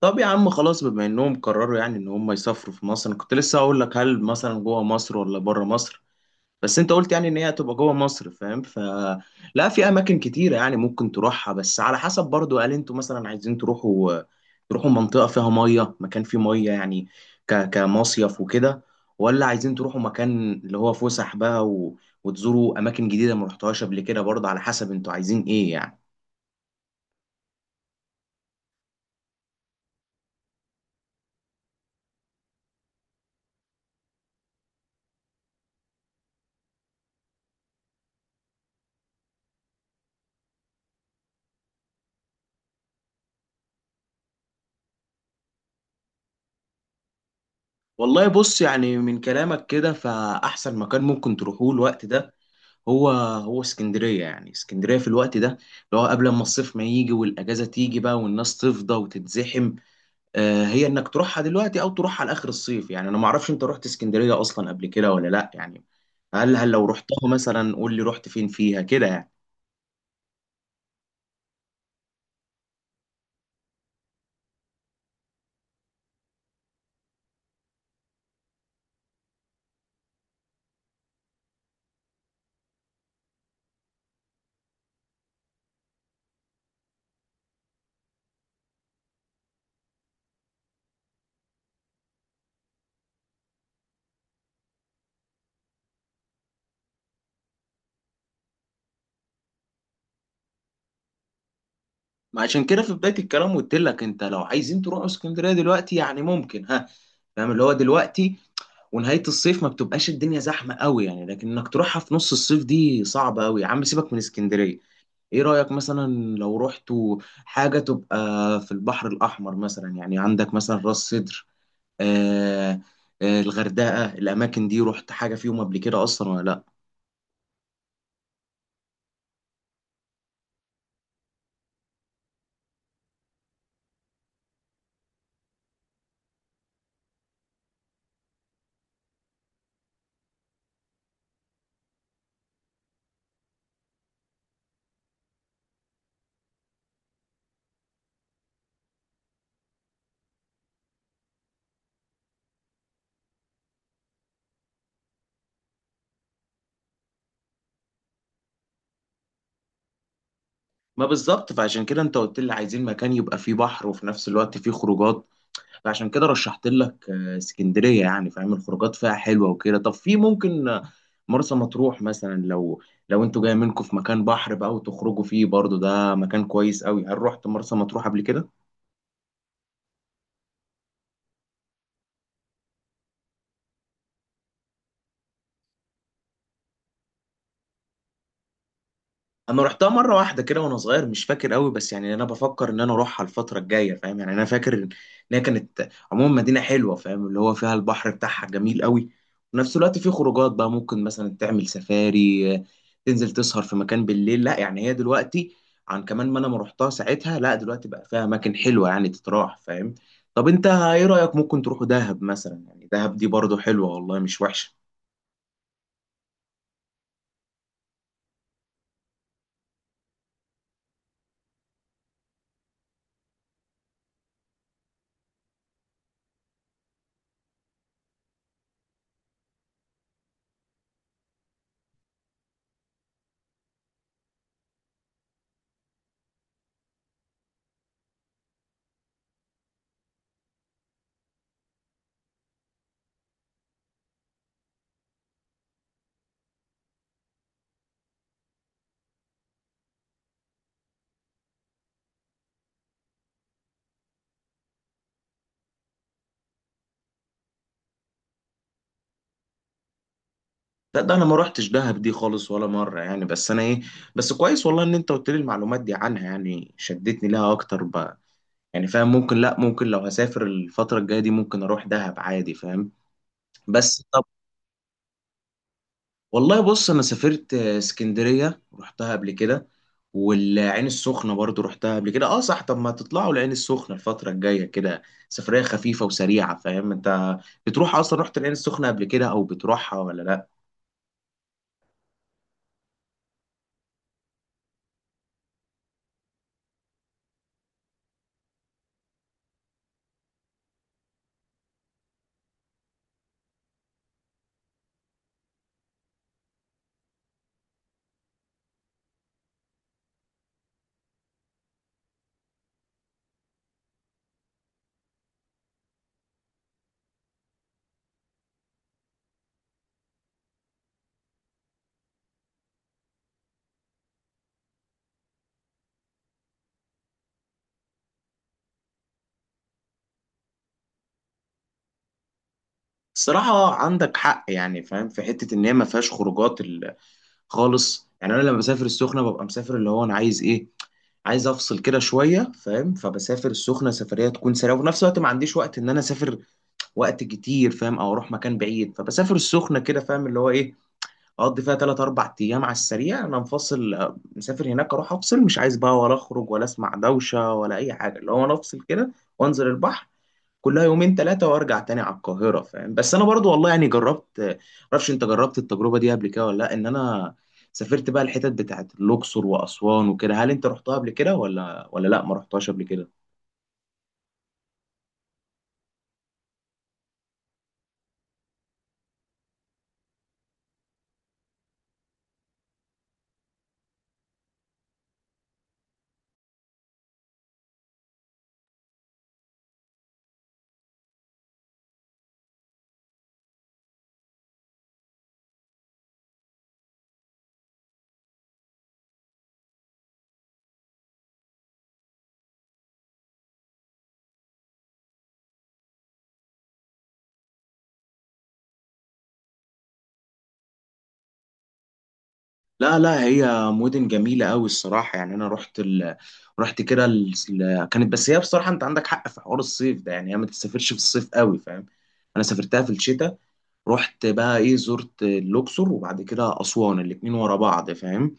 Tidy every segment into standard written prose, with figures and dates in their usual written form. طب يا عم، خلاص بما انهم قرروا يعني ان هم يسافروا في مصر. انا كنت لسه هقول لك، هل مثلا جوه مصر ولا بره مصر؟ بس انت قلت يعني ان هي هتبقى جوه مصر، فاهم. لا، في اماكن كتيره يعني ممكن تروحها، بس على حسب برضو. هل انتوا مثلا عايزين تروحوا منطقه فيها ميه، مكان فيه ميه يعني، كمصيف وكده، ولا عايزين تروحوا مكان اللي هو فسح بقى، وتزوروا اماكن جديده ما رحتوهاش قبل كده، برضه على حسب انتوا عايزين ايه يعني. والله بص، يعني من كلامك كده، فأحسن مكان ممكن تروحوه الوقت ده هو هو اسكندرية. يعني اسكندرية في الوقت ده، اللي هو قبل ما الصيف ما يجي والأجازة تيجي بقى والناس تفضى وتتزحم. آه، هي إنك تروحها دلوقتي أو تروحها لآخر الصيف، يعني أنا معرفش أنت رحت اسكندرية أصلا قبل كده ولا لأ، يعني هل لو رحتها مثلا قول لي رحت فين فيها كده يعني. ما عشان كده في بداية الكلام قلت لك، أنت لو عايزين تروحوا اسكندرية دلوقتي يعني ممكن. فاهم، اللي هو دلوقتي ونهاية الصيف ما بتبقاش الدنيا زحمة قوي يعني، لكن انك تروحها في نص الصيف دي صعبة قوي. يا عم سيبك من اسكندرية. ايه رأيك مثلا لو رحتوا حاجة تبقى في البحر الأحمر مثلا؟ يعني عندك مثلا راس سدر، آه الغردقة، الأماكن دي رحت حاجة فيهم قبل كده أصلا ولا لأ؟ ما بالظبط، فعشان كده انت قلت لي عايزين مكان يبقى فيه بحر وفي نفس الوقت فيه خروجات. فعشان كده رشحت لك اسكندريه، يعني فاهم، الخروجات فيها حلوه وكده. طب في ممكن مرسى مطروح مثلا. لو انتوا جاي منكم في مكان بحر بقى وتخرجوا فيه برضو، ده مكان كويس قوي. هل رحت مرسى مطروح قبل كده؟ انا رحتها مره واحده كده وانا صغير، مش فاكر قوي، بس يعني انا بفكر ان انا اروحها الفتره الجايه، فاهم، يعني انا فاكر ان هي كانت عموما مدينه حلوه، فاهم، اللي هو فيها البحر بتاعها جميل قوي، وفي نفس الوقت في خروجات بقى. ممكن مثلا تعمل سفاري، تنزل تسهر في مكان بالليل. لا يعني هي دلوقتي، عن كمان ما انا ما رحتها ساعتها، لا دلوقتي بقى فيها اماكن حلوه يعني تتراح فاهم. طب انت ايه رايك ممكن تروحوا دهب مثلا؟ يعني دهب دي برضو حلوه والله، مش وحشه. لا، ده انا ما روحتش دهب دي خالص ولا مره يعني، بس انا ايه، بس كويس والله ان انت قلت لي المعلومات دي عنها، يعني شدتني لها اكتر بقى. يعني فاهم ممكن، لا ممكن لو هسافر الفتره الجايه دي ممكن اروح دهب عادي، فاهم. بس طب، والله بص انا سافرت اسكندريه رحتها قبل كده، والعين السخنه برضو رحتها قبل كده. اه صح، طب ما تطلعوا العين السخنه الفتره الجايه كده؟ سفريه خفيفه وسريعه، فاهم. انت بتروح اصلا، رحت العين السخنه قبل كده او بتروحها ولا لا؟ الصراحة عندك حق يعني فاهم، في حتة إن هي ما فيهاش خروجات خالص. يعني أنا لما بسافر السخنة ببقى مسافر، اللي هو أنا عايز إيه، عايز أفصل كده شوية، فاهم. فبسافر السخنة سفرية تكون سريعة، وفي نفس الوقت ما عنديش وقت إن أنا أسافر وقت كتير، فاهم، أو أروح مكان بعيد. فبسافر السخنة كده، فاهم، اللي هو إيه، أقضي فيها تلات أربع أيام على السريع. أنا مفصل مسافر هناك أروح أفصل، مش عايز بقى ولا أخرج ولا أسمع دوشة ولا أي حاجة، اللي هو أنا أفصل كده وأنزل البحر، كلها يومين ثلاثة وارجع تاني على القاهرة، فاهم. بس انا برضو والله يعني جربت، معرفش انت جربت التجربة دي قبل كده ولا لا، ان انا سافرت بقى الحتت بتاعت الاقصر واسوان وكده. هل انت رحتها قبل كده ولا لا، ما رحتهاش قبل كده؟ لا لا، هي مدن جميلة قوي الصراحة يعني. انا رحت رحت كده كانت. بس هي بصراحة انت عندك حق في حوار الصيف ده، يعني هي ما تسافرش في الصيف قوي، فاهم. انا سافرتها في الشتاء. رحت بقى ايه، زرت الاقصر وبعد كده اسوان، الاتنين ورا بعض، فاهم.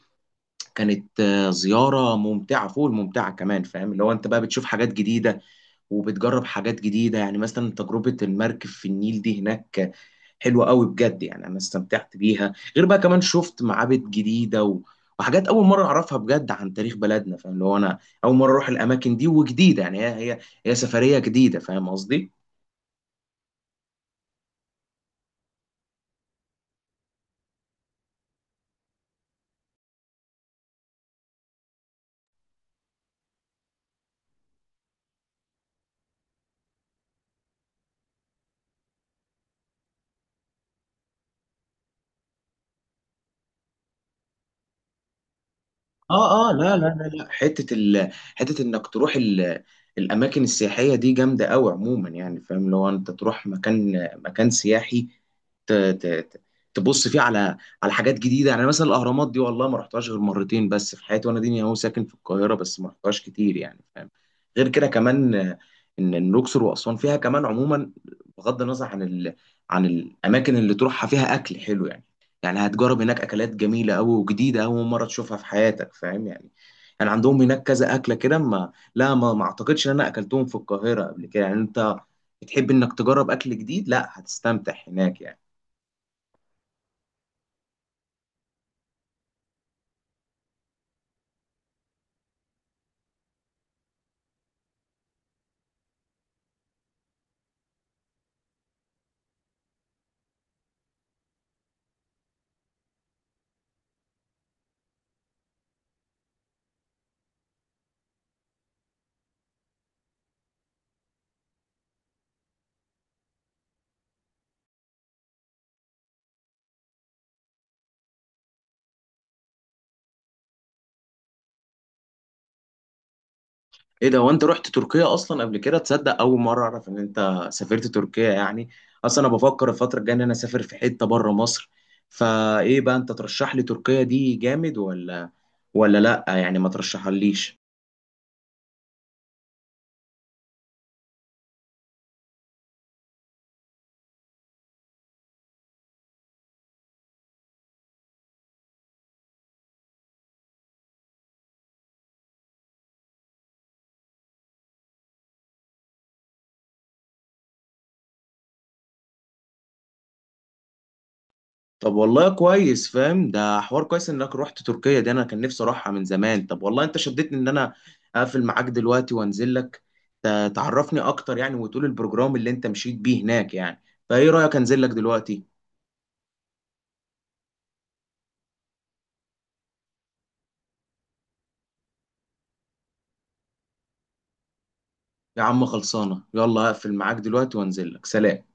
كانت زيارة ممتعة فوق الممتعة كمان، فاهم، اللي هو انت بقى بتشوف حاجات جديدة وبتجرب حاجات جديدة، يعني مثلا تجربة المركب في النيل دي هناك حلوة قوي بجد يعني. انا استمتعت بيها، غير بقى كمان شفت معابد جديدة وحاجات اول مرة اعرفها بجد عن تاريخ بلدنا، فاهم، اللي هو انا اول مرة اروح الاماكن دي وجديدة يعني. هي سفرية جديدة، فاهم قصدي. اه اه، لا لا لا لا، حته حته انك تروح الاماكن السياحيه دي جامده قوي عموما، يعني فاهم، لو انت تروح مكان مكان سياحي ت... ت... ت- تبص فيه على حاجات جديده، يعني مثلا الاهرامات دي والله ما رحتهاش غير مرتين بس في حياتي، وانا ديني اهو ساكن في القاهره، بس ما رحتهاش كتير يعني فاهم. غير كده كمان، إن الاقصر واسوان فيها كمان عموما، بغض النظر عن عن الاماكن اللي تروحها، فيها اكل حلو يعني. يعني هتجرب هناك اكلات جميله قوي وجديده، اول مره تشوفها في حياتك فاهم يعني. يعني عندهم هناك كذا اكله كده، ما لا ما, ما اعتقدش ان انا اكلتهم في القاهره قبل كده يعني. انت بتحب انك تجرب اكل جديد، لا هتستمتع هناك يعني. ايه ده، وانت رحت تركيا اصلا قبل كده؟ تصدق اول مره اعرف ان انت سافرت تركيا يعني. اصلا انا بفكر الفتره الجايه ان انا اسافر في حته بره مصر، فايه بقى، انت ترشح لي تركيا دي جامد ولا لا، يعني ما ترشحها ليش؟ طب والله كويس فاهم، ده حوار كويس انك رحت تركيا دي، انا كان نفسي اروحها من زمان. طب والله انت شدتني ان انا اقفل معاك دلوقتي وانزل لك، تعرفني اكتر يعني، وتقول البروجرام اللي انت مشيت بيه هناك يعني. فايه رأيك انزل لك دلوقتي؟ يا عم خلصانة، يلا اقفل معاك دلوقتي وانزل لك، سلام.